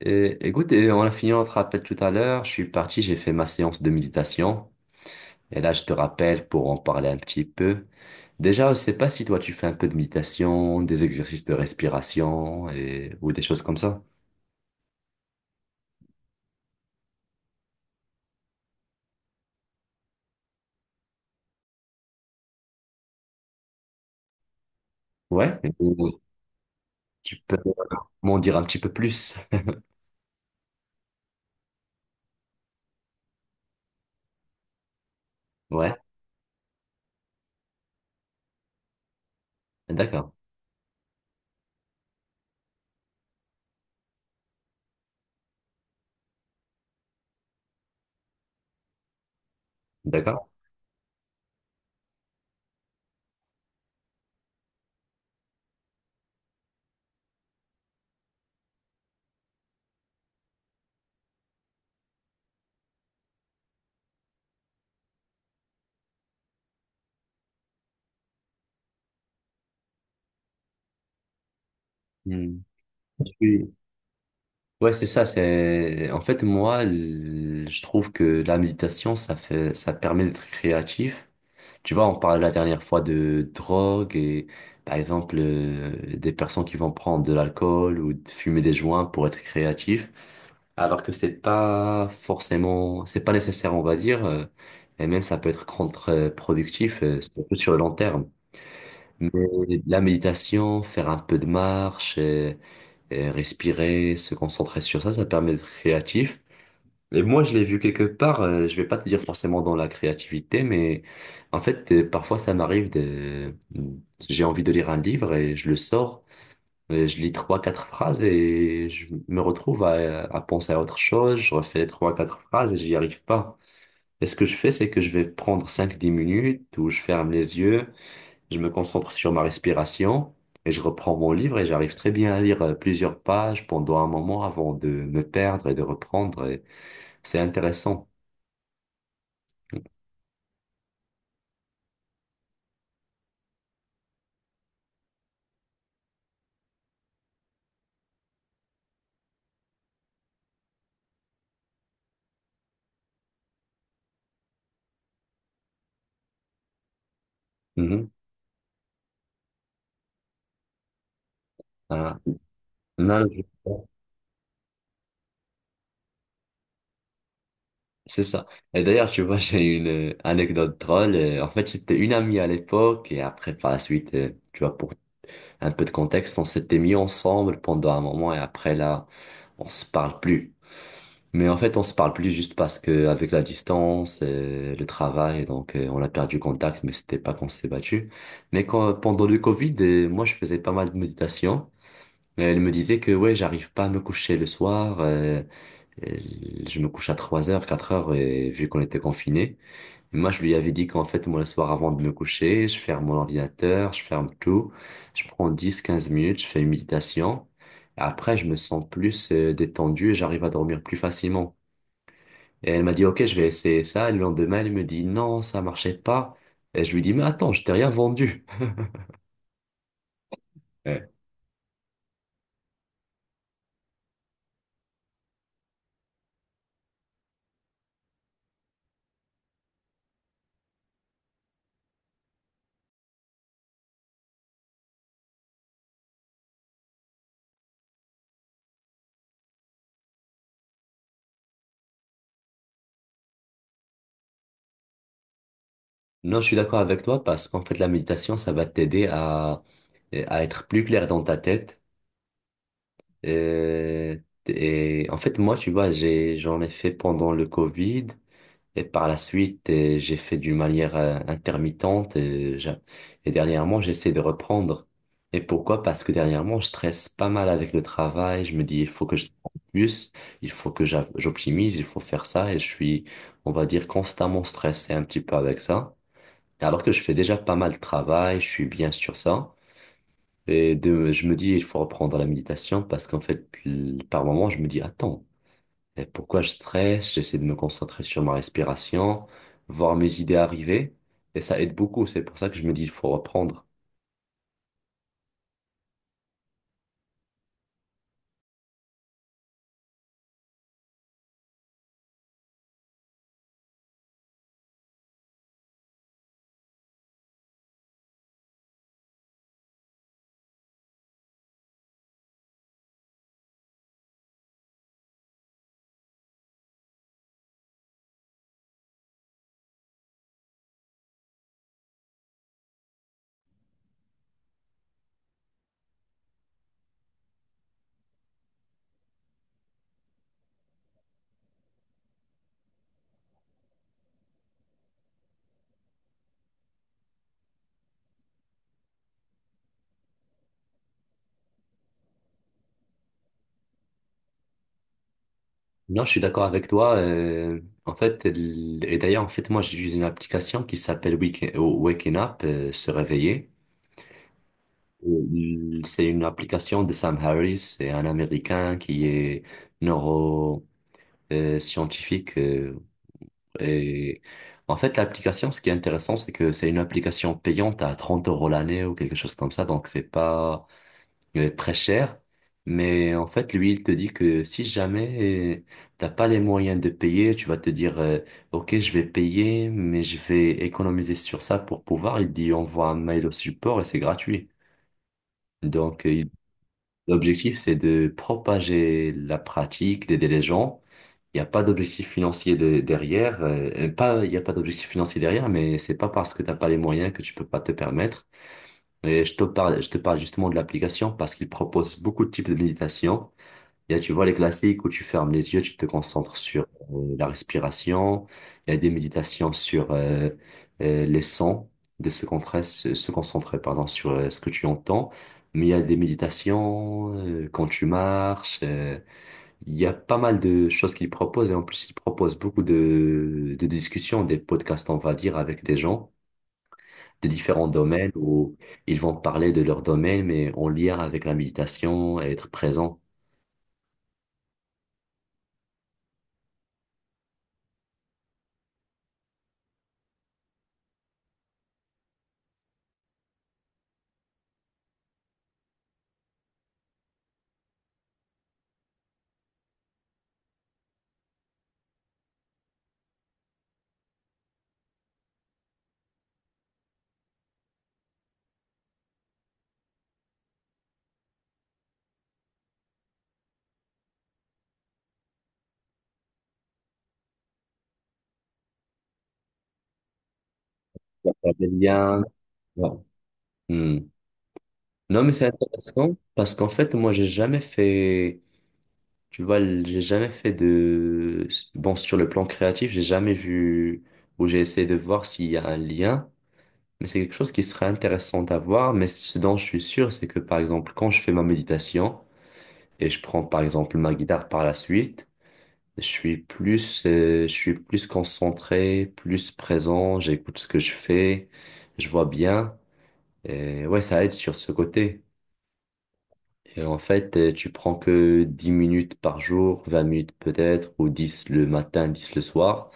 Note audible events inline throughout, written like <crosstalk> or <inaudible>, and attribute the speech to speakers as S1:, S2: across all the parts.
S1: Écoute, et on a fini notre rappel tout à l'heure. Je suis parti, j'ai fait ma séance de méditation. Et là, je te rappelle pour en parler un petit peu. Déjà, je sais pas si toi, tu fais un peu de méditation, des exercices de respiration ou des choses comme ça. Ouais. Ou Tu peux m'en dire un petit peu plus. <laughs> Ouais, d'accord, d'accord. Hmm. Je Ouais, c'est ça, c'est en fait moi, je trouve que la méditation ça permet d'être créatif. Tu vois, on parlait la dernière fois de drogue et par exemple, des personnes qui vont prendre de l'alcool ou de fumer des joints pour être créatifs, alors que c'est pas forcément, c'est pas nécessaire, on va dire, et même ça peut être contre-productif, surtout sur le long terme. Mais la méditation, faire un peu de marche, et respirer, se concentrer sur ça, ça permet d'être créatif. Et moi, je l'ai vu quelque part, je vais pas te dire forcément dans la créativité, mais en fait, parfois, ça m'arrive de. J'ai envie de lire un livre et je le sors, et je lis trois, quatre phrases et je me retrouve à penser à autre chose, je refais trois, quatre phrases et j'y arrive pas. Et ce que je fais, c'est que je vais prendre 5 10 minutes où je ferme les yeux, je me concentre sur ma respiration et je reprends mon livre et j'arrive très bien à lire plusieurs pages pendant un moment avant de me perdre et de reprendre. Et c'est intéressant. Mhm. Ah. Non, non, je sais pas. C'est ça. Et d'ailleurs, tu vois, <laughs> j'ai une anecdote drôle. En fait, c'était une amie à l'époque et après, par la suite, tu vois, pour un peu de contexte, on s'était mis ensemble pendant un moment et après, là, on se parle plus. Mais en fait, on se parle plus juste parce que avec la distance, le travail, donc on a perdu contact, mais c'était pas qu'on s'est battu. Mais quand, pendant le Covid, moi, je faisais pas mal de méditation. Et elle me disait que ouais, j'arrive pas à me coucher le soir. Je me couche à 3 heures, 4 heures, et vu qu'on était confinés, moi je lui avais dit qu'en fait, moi le soir avant de me coucher, je ferme mon ordinateur, je ferme tout, je prends 10 15 minutes, je fais une méditation, et après je me sens plus détendu et j'arrive à dormir plus facilement. Et elle m'a dit, OK, je vais essayer ça, et le lendemain elle me dit, non, ça marchait pas. Et je lui dis, mais attends, je t'ai rien vendu. Ouais. Non, je suis d'accord avec toi parce qu'en fait, la méditation, ça va t'aider à être plus clair dans ta tête. Euh, et en fait, moi, tu vois, j'en ai fait pendant le Covid et par la suite, j'ai fait d'une manière intermittente et dernièrement, j'essaie de reprendre. Et pourquoi? Parce que dernièrement, je stresse pas mal avec le travail. Je me dis, il faut que je travaille plus, il faut que j'optimise, il faut faire ça et je suis, on va dire, constamment stressé un petit peu avec ça. Alors que je fais déjà pas mal de travail, je suis bien sur ça. Je me dis, il faut reprendre la méditation parce qu'en fait, par moment, je me dis, attends, pourquoi je stresse? J'essaie de me concentrer sur ma respiration, voir mes idées arriver. Et ça aide beaucoup. C'est pour ça que je me dis, il faut reprendre. Non, je suis d'accord avec toi. En fait, et d'ailleurs, en fait, moi, j'utilise une application qui s'appelle Waking Up, se réveiller. C'est une application de Sam Harris, c'est un Américain qui est neuroscientifique. Et en fait, l'application, ce qui est intéressant, c'est que c'est une application payante à 30 € l'année ou quelque chose comme ça. Donc, c'est pas très cher. Mais en fait, lui, il te dit que si jamais t'as pas les moyens de payer, tu vas te dire, OK, je vais payer, mais je vais économiser sur ça pour pouvoir. Il dit, envoie un mail au support et c'est gratuit. Donc, l'objectif, c'est de propager la pratique, d'aider les gens. Il n'y a pas d'objectif financier derrière. Pas, il n'y a pas d'objectif financier derrière, mais c'est pas parce que tu n'as pas les moyens que tu peux pas te permettre. Et je te parle justement de l'application parce qu'il propose beaucoup de types de méditation. Il y a, tu vois, les classiques où tu fermes les yeux, tu te concentres sur la respiration. Il y a des méditations sur les sons, de se concentrer, se concentrer, pardon, sur ce que tu entends. Mais il y a des méditations quand tu marches. Il y a pas mal de choses qu'ils proposent. Et en plus, ils proposent beaucoup de discussions, des podcasts, on va dire, avec des gens de différents domaines où ils vont parler de leur domaine, mais en lien avec la méditation et être présent. Il y a pas de lien. Voilà. Hmm. Non, mais c'est intéressant parce qu'en fait, moi, j'ai jamais fait, tu vois, j'ai jamais fait bon, sur le plan créatif, j'ai jamais vu ou j'ai essayé de voir s'il y a un lien, mais c'est quelque chose qui serait intéressant à voir. Mais ce dont je suis sûr, c'est que par exemple, quand je fais ma méditation et je prends par exemple ma guitare par la suite, je suis plus concentré, plus présent, j'écoute ce que je fais, je vois bien, et ouais, ça aide sur ce côté. Et en fait, tu prends que 10 minutes par jour, 20 minutes peut-être, ou 10 le matin, 10 le soir.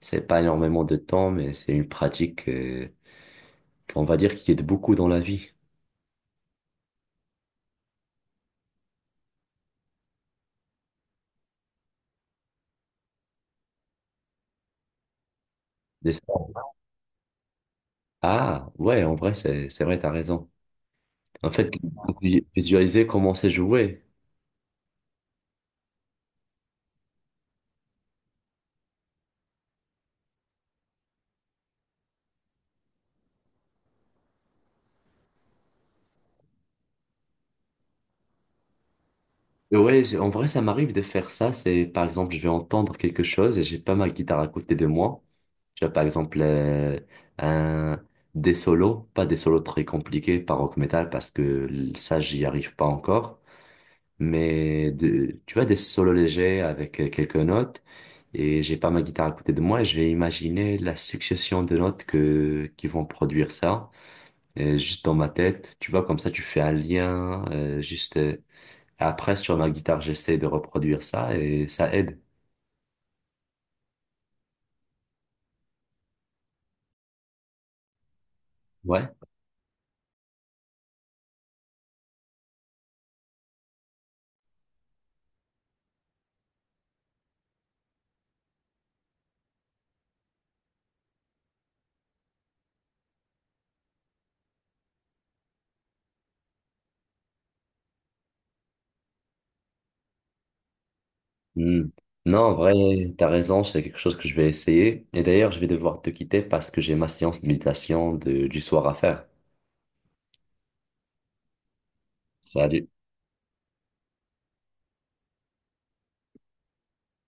S1: C'est pas énormément de temps, mais c'est une pratique, qu'on va dire qui aide beaucoup dans la vie. N'est-ce pas? Ah, ouais, en vrai, c'est vrai, t'as raison. En fait, visualiser comment c'est joué. Ouais, en vrai, ça m'arrive de faire ça. C'est, par exemple, je vais entendre quelque chose et j'ai pas ma guitare à côté de moi. Tu vois, par exemple, un, des solos, pas des solos très compliqués par rock metal parce que ça, j'y arrive pas encore. Mais tu vois, des solos légers avec quelques notes et j'ai pas ma guitare à côté de moi et je vais imaginer la succession de notes qui vont produire ça. Et juste dans ma tête, tu vois, comme ça, tu fais un lien, juste. Et après, sur ma guitare, j'essaie de reproduire ça et ça aide. Ouais. Hmm. Non, en vrai, t'as raison, c'est quelque chose que je vais essayer. Et d'ailleurs, je vais devoir te quitter parce que j'ai ma séance de méditation du soir à faire. Salut.